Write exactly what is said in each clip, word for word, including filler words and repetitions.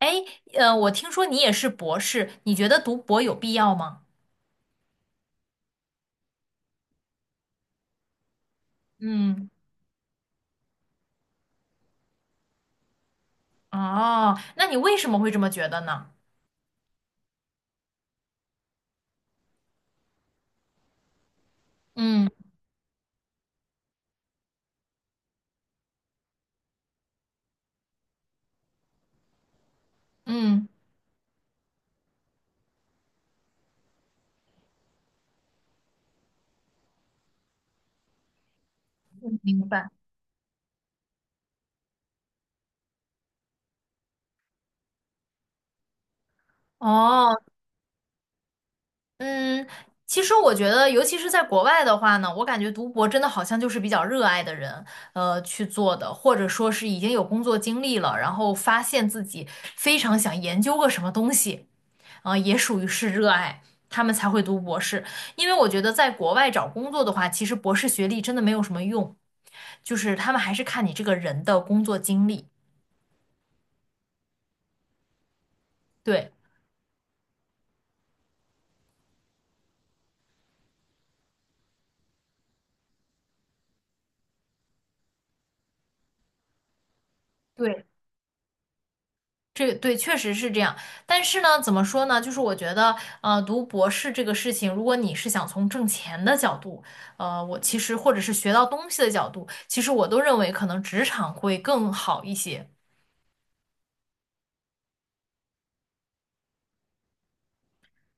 哎，呃，我听说你也是博士，你觉得读博有必要吗？嗯，哦，那你为什么会这么觉得呢？嗯嗯，明白。哦，嗯，其实我觉得，尤其是在国外的话呢，我感觉读博真的好像就是比较热爱的人，呃，去做的，或者说是已经有工作经历了，然后发现自己非常想研究个什么东西。呃，也属于是热爱，他们才会读博士。因为我觉得在国外找工作的话，其实博士学历真的没有什么用，就是他们还是看你这个人的工作经历。对。对，这对确实是这样，但是呢，怎么说呢？就是我觉得，呃，读博士这个事情，如果你是想从挣钱的角度，呃，我其实或者是学到东西的角度，其实我都认为可能职场会更好一些。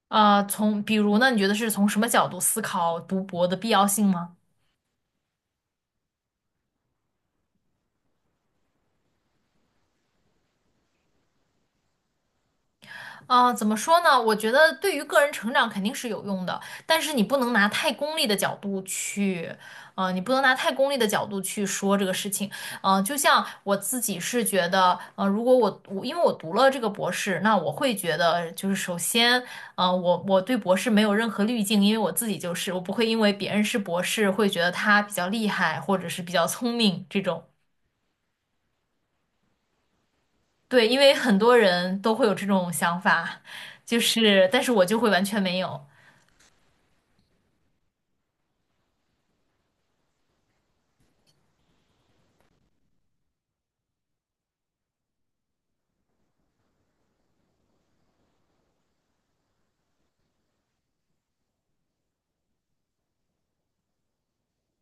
呃，从比如呢，你觉得是从什么角度思考读博的必要性吗？啊，怎么说呢？我觉得对于个人成长肯定是有用的，但是你不能拿太功利的角度去，呃，你不能拿太功利的角度去说这个事情。呃，就像我自己是觉得，呃，如果我我因为我读了这个博士，那我会觉得就是首先，呃，我我对博士没有任何滤镜，因为我自己就是，我不会因为别人是博士会觉得他比较厉害或者是比较聪明这种。对，因为很多人都会有这种想法，就是，但是我就会完全没有。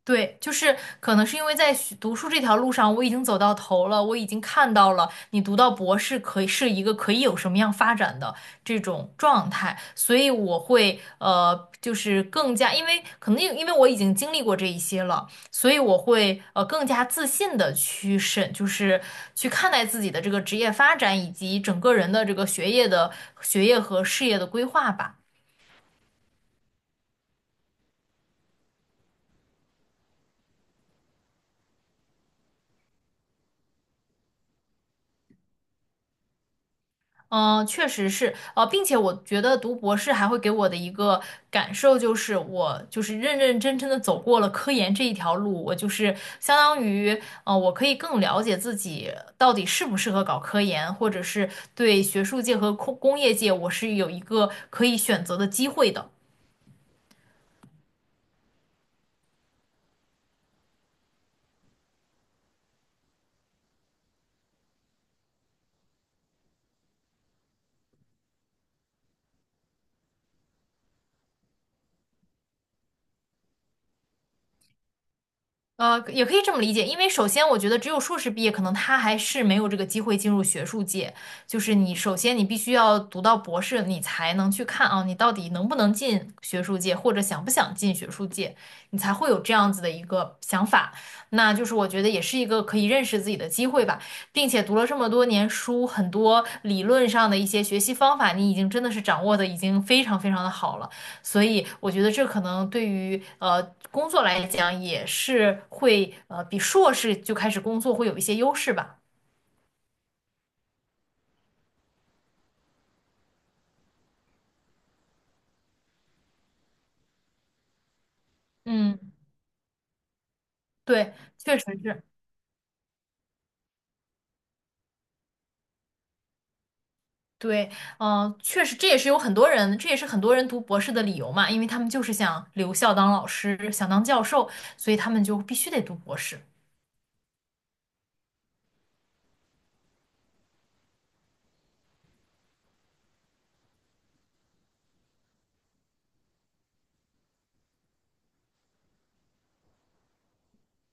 对，就是可能是因为在学读书这条路上，我已经走到头了，我已经看到了你读到博士可以是一个可以有什么样发展的这种状态，所以我会呃，就是更加，因为可能因因为我已经经历过这一些了，所以我会呃更加自信的去审，就是去看待自己的这个职业发展以及整个人的这个学业的学业和事业的规划吧。嗯，呃确实是，呃，并且我觉得读博士还会给我的一个感受就是，我就是认认真真的走过了科研这一条路，我就是相当于，呃，我可以更了解自己到底适不适合搞科研，或者是对学术界和工工业界，我是有一个可以选择的机会的。呃，也可以这么理解，因为首先我觉得只有硕士毕业，可能他还是没有这个机会进入学术界。就是你首先你必须要读到博士，你才能去看啊，你到底能不能进学术界，或者想不想进学术界，你才会有这样子的一个想法。那就是我觉得也是一个可以认识自己的机会吧，并且读了这么多年书，很多理论上的一些学习方法，你已经真的是掌握的已经非常非常的好了。所以我觉得这可能对于呃工作来讲也是会呃比硕士就开始工作会有一些优势吧。嗯对，确实是。对，嗯、确实，这也是有很多人，这也是很多人读博士的理由嘛，因为他们就是想留校当老师，想当教授，所以他们就必须得读博士。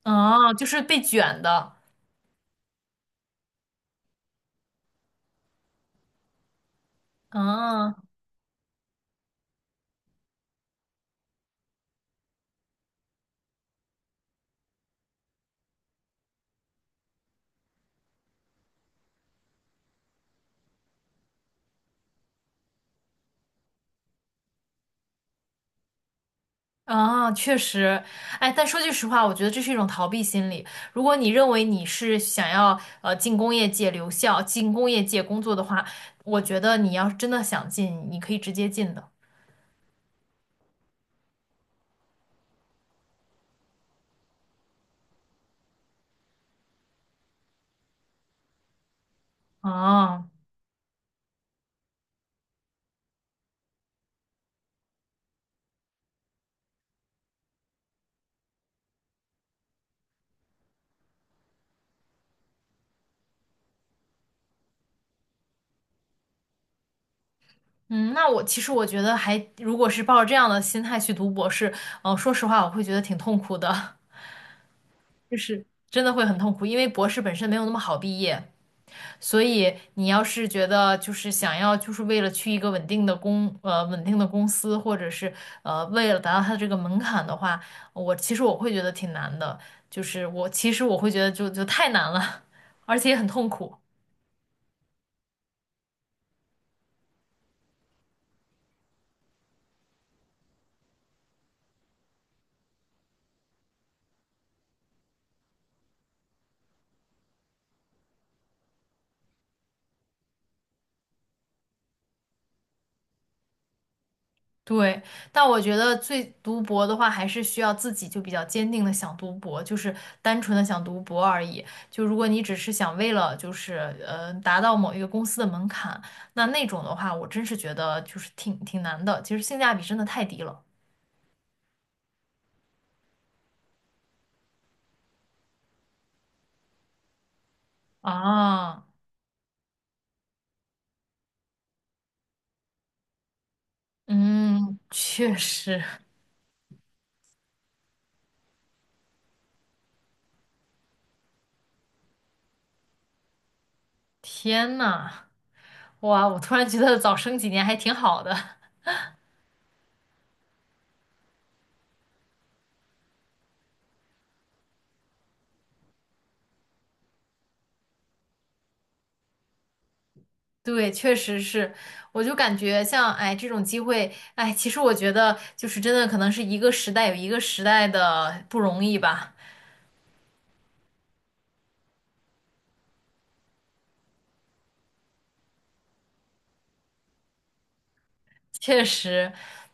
啊，就是被卷的。啊啊，确实，哎，但说句实话，我觉得这是一种逃避心理。如果你认为你是想要呃进工业界留校、进工业界工作的话，我觉得你要是真的想进，你可以直接进的。啊，嗯，那我其实我觉得还，如果是抱着这样的心态去读博士，嗯，说实话，我会觉得挺痛苦的，就是真的会很痛苦，因为博士本身没有那么好毕业。所以你要是觉得就是想要就是为了去一个稳定的公呃稳定的公司，或者是呃为了达到它这个门槛的话，我其实我会觉得挺难的，就是我其实我会觉得就就太难了，而且也很痛苦。对，但我觉得最读博的话，还是需要自己就比较坚定的想读博，就是单纯的想读博而已。就如果你只是想为了就是呃达到某一个公司的门槛，那那种的话，我真是觉得就是挺挺难的。其实性价比真的太低了啊。嗯，确实，天呐，哇，我突然觉得早生几年还挺好的。对，确实是，我就感觉像哎这种机会，哎，其实我觉得就是真的可能是一个时代有一个时代的不容易吧。确实，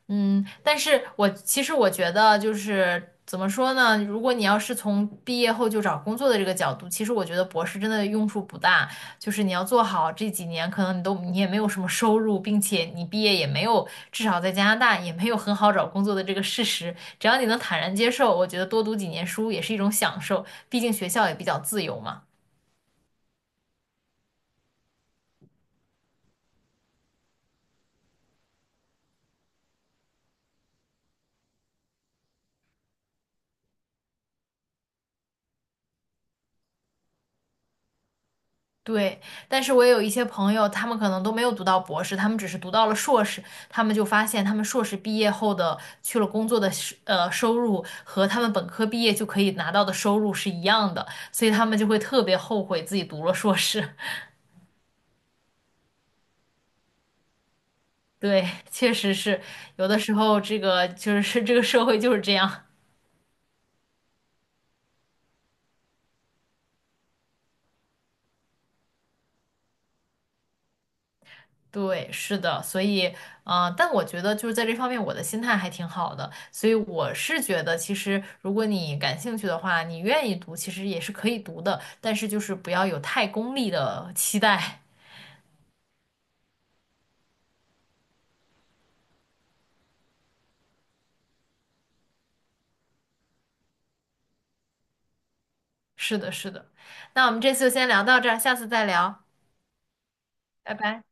嗯，但是我其实我觉得就是怎么说呢？如果你要是从毕业后就找工作的这个角度，其实我觉得博士真的用处不大。就是你要做好这几年，可能你都你也没有什么收入，并且你毕业也没有，至少在加拿大也没有很好找工作的这个事实。只要你能坦然接受，我觉得多读几年书也是一种享受，毕竟学校也比较自由嘛。对，但是我也有一些朋友，他们可能都没有读到博士，他们只是读到了硕士，他们就发现他们硕士毕业后的去了工作的是呃收入和他们本科毕业就可以拿到的收入是一样的，所以他们就会特别后悔自己读了硕士。对，确实是，有的时候这个就是这个社会就是这样。对，是的，所以，呃，但我觉得就是在这方面，我的心态还挺好的，所以我是觉得，其实如果你感兴趣的话，你愿意读，其实也是可以读的，但是就是不要有太功利的期待。是的，是的。那我们这次就先聊到这儿，下次再聊，拜拜。